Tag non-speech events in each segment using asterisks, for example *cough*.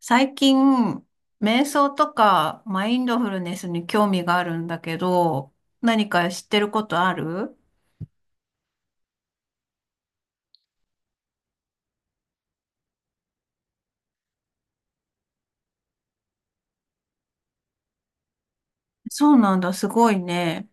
最近、瞑想とかマインドフルネスに興味があるんだけど、何か知ってることある？そうなんだ、すごいね。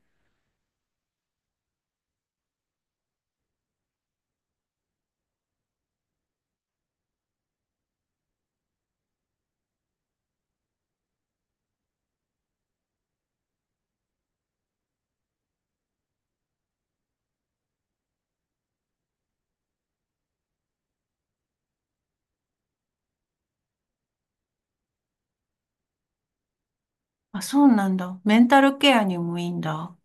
あ、そうなんだ。メンタルケアにもいいんだ。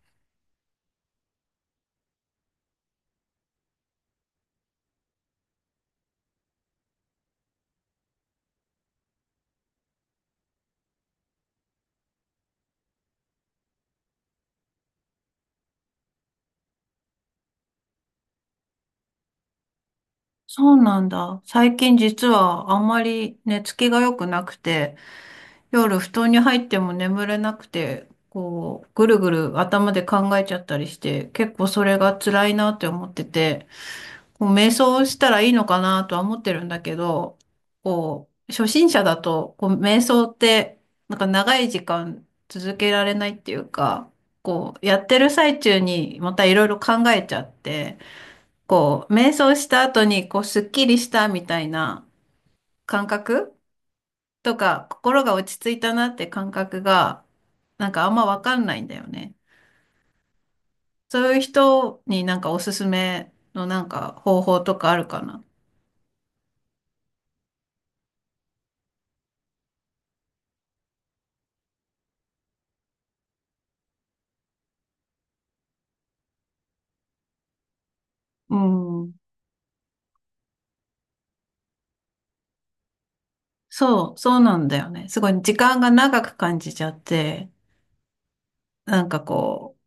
そうなんだ。最近実はあんまり寝つきが良くなくて、夜布団に入っても眠れなくて、こう、ぐるぐる頭で考えちゃったりして、結構それが辛いなって思ってて、こう瞑想したらいいのかなとは思ってるんだけど、こう、初心者だと、こう、瞑想って、なんか長い時間続けられないっていうか、こう、やってる最中にまたいろいろ考えちゃって、こう、瞑想した後に、こう、すっきりしたみたいな感覚とか、心が落ち着いたなって感覚が、なんかあんまわかんないんだよね。そういう人になんかおすすめのなんか方法とかあるかな。うん。そう、そうなんだよね。すごい時間が長く感じちゃって、なんかこう、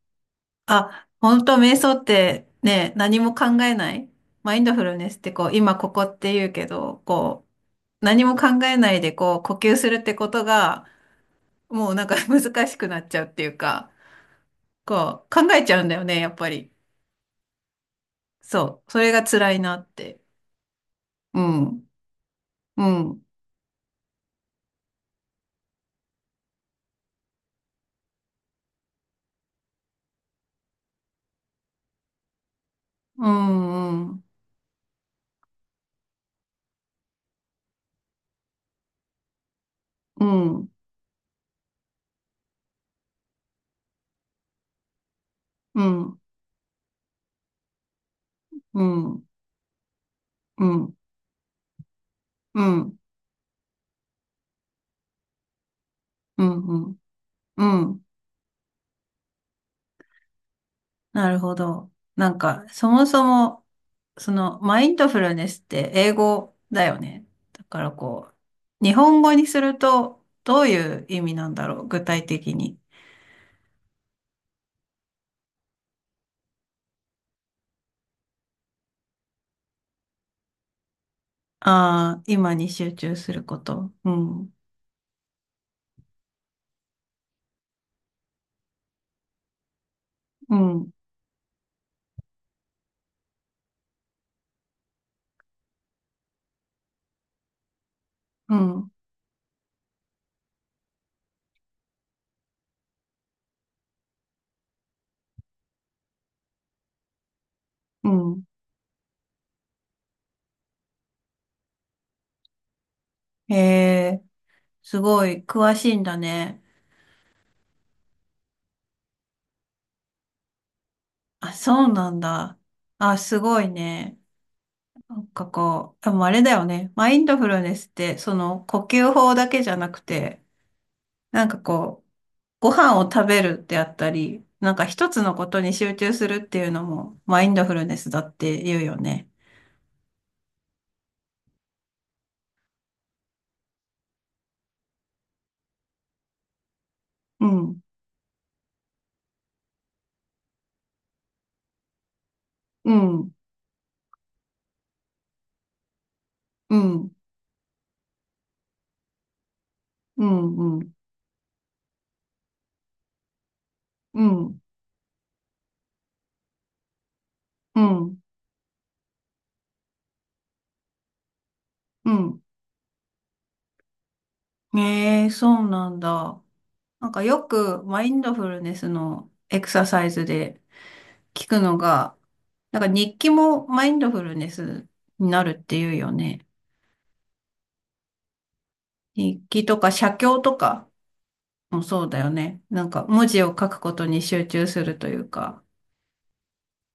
あ、本当瞑想ってね、何も考えない。マインドフルネスってこう、今ここって言うけど、こう、何も考えないでこう、呼吸するってことが、もうなんか *laughs* 難しくなっちゃうっていうか、こう、考えちゃうんだよね、やっぱり。そう、それが辛いなって。うん、うん、うん、うん、うん、うん、うん、うん、うん、うん、うん。なるほど。なんか、そもそも、その、マインドフルネスって英語だよね。だからこう、日本語にすると、どういう意味なんだろう、具体的に。ああ、今に集中すること。うん、うん、うん、うん。へえ、すごい詳しいんだね。あ、そうなんだ。あ、すごいね。なんかこう、でもあれだよね。マインドフルネスって、その呼吸法だけじゃなくて、なんかこう、ご飯を食べるってあったり、なんか一つのことに集中するっていうのもマインドフルネスだって言うよね。うん、うん、うん、うん、うん、うん、うん、うん。ええ、そうなんだ。なんかよくマインドフルネスのエクササイズで聞くのが、なんか日記もマインドフルネスになるっていうよね。日記とか写経とかもそうだよね。なんか文字を書くことに集中するというか。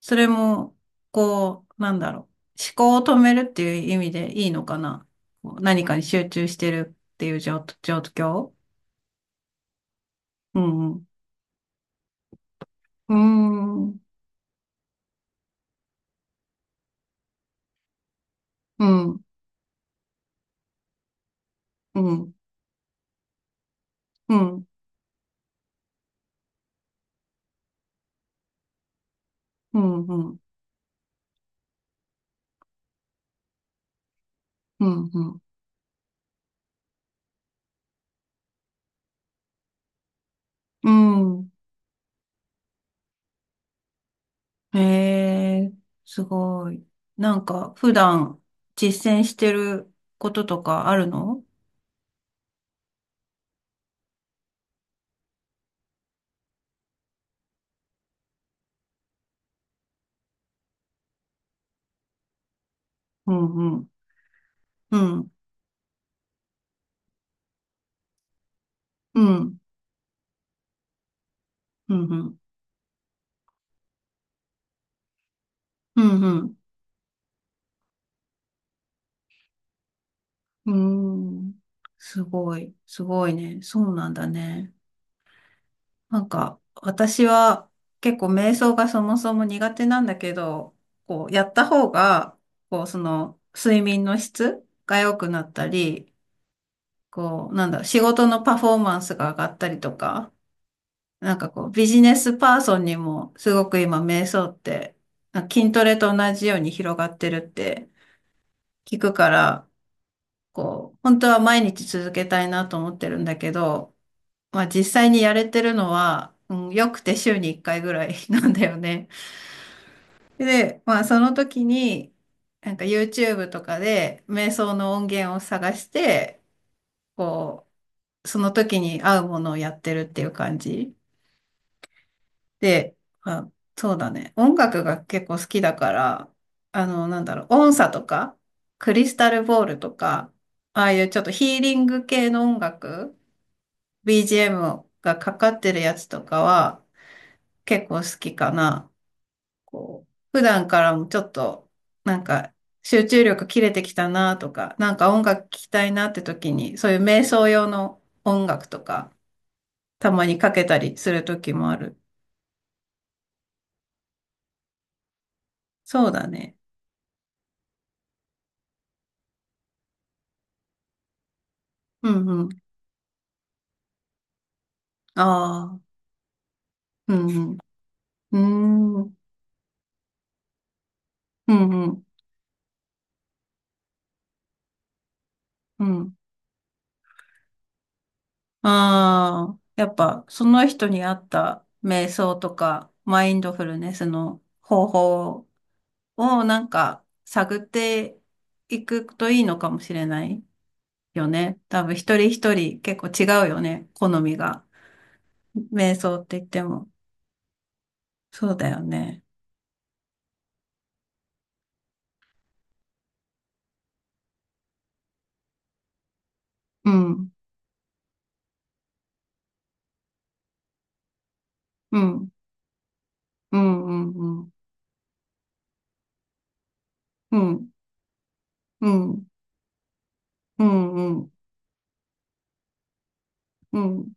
それも、こう、なんだろう。思考を止めるっていう意味でいいのかな。こう何かに集中してるっていう状況。うん。うーん。うん。うん。うん。うん。うん。うん。うんうんへえ、すごい。なんか、普段実践してることとかあるの？うんうん。うん。うん。うん。うん。うん。うん。うんすごい。すごいね。そうなんだね。なんか、私は結構瞑想がそもそも苦手なんだけど、こう、やった方が、こう、その、睡眠の質が良くなったり、こう、なんだろう、仕事のパフォーマンスが上がったりとか、なんかこう、ビジネスパーソンにも、すごく今、瞑想って、なんか筋トレと同じように広がってるって聞くから、こう、本当は毎日続けたいなと思ってるんだけど、まあ実際にやれてるのは、うん、よくて週に1回ぐらい *laughs* なんだよね。で、まあその時に、なんか YouTube とかで瞑想の音源を探して、こう、その時に合うものをやってるっていう感じ。で、まあ、そうだね。音楽が結構好きだから、あの、なんだろう、音叉とか、クリスタルボールとか、ああいうちょっとヒーリング系の音楽、BGM がかかってるやつとかは、結構好きかな。こう、普段からもちょっと、なんか、集中力切れてきたなとか、なんか音楽聴きたいなって時に、そういう瞑想用の音楽とか、たまにかけたりする時もある。そうだね。うんうん。ああ、うんうん。うーん。うんうん。うん。ああ、やっぱ、その人に合った瞑想とか、マインドフルネスの方法をなんか探っていくといいのかもしれないよね。多分一人一人結構違うよね。好みが。瞑想って言っても。そうだよね。うん。うん。うん。うん。うん。うん。うん。うん。うん。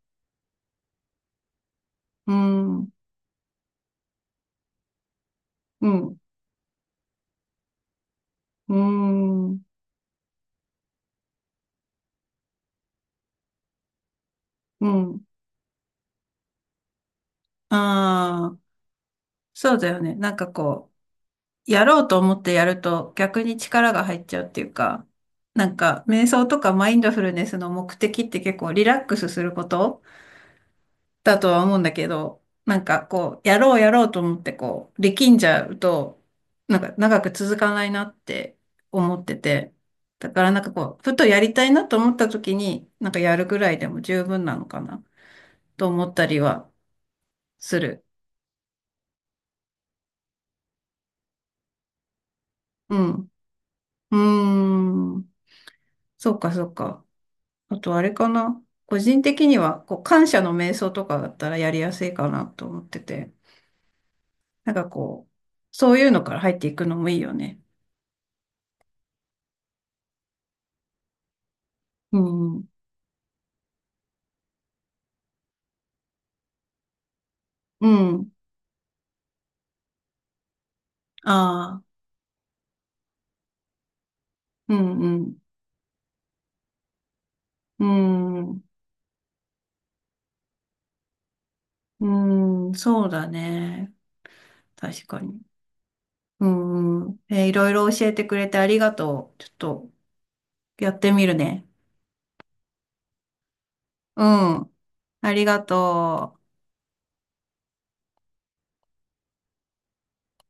うん。うん。うん。ああ、そうだよね。なんかこう。やろうと思ってやると逆に力が入っちゃうっていうか、なんか瞑想とかマインドフルネスの目的って結構リラックスすることだとは思うんだけど、なんかこう、やろうやろうと思ってこう、力んじゃうと、なんか長く続かないなって思ってて、だからなんかこう、ふとやりたいなと思った時に、なんかやるぐらいでも十分なのかなと思ったりはする。うん。うーん。そうかそうか。あとあれかな。個人的には、こう、感謝の瞑想とかだったらやりやすいかなと思ってて。なんかこう、そういうのから入っていくのもいいよね。うん。うん。ああ。うん、うん。うん。うん。そうだね。確かに。うん。うんいろいろ教えてくれてありがとう。ちょっと、やってみるね。うん。ありがとう。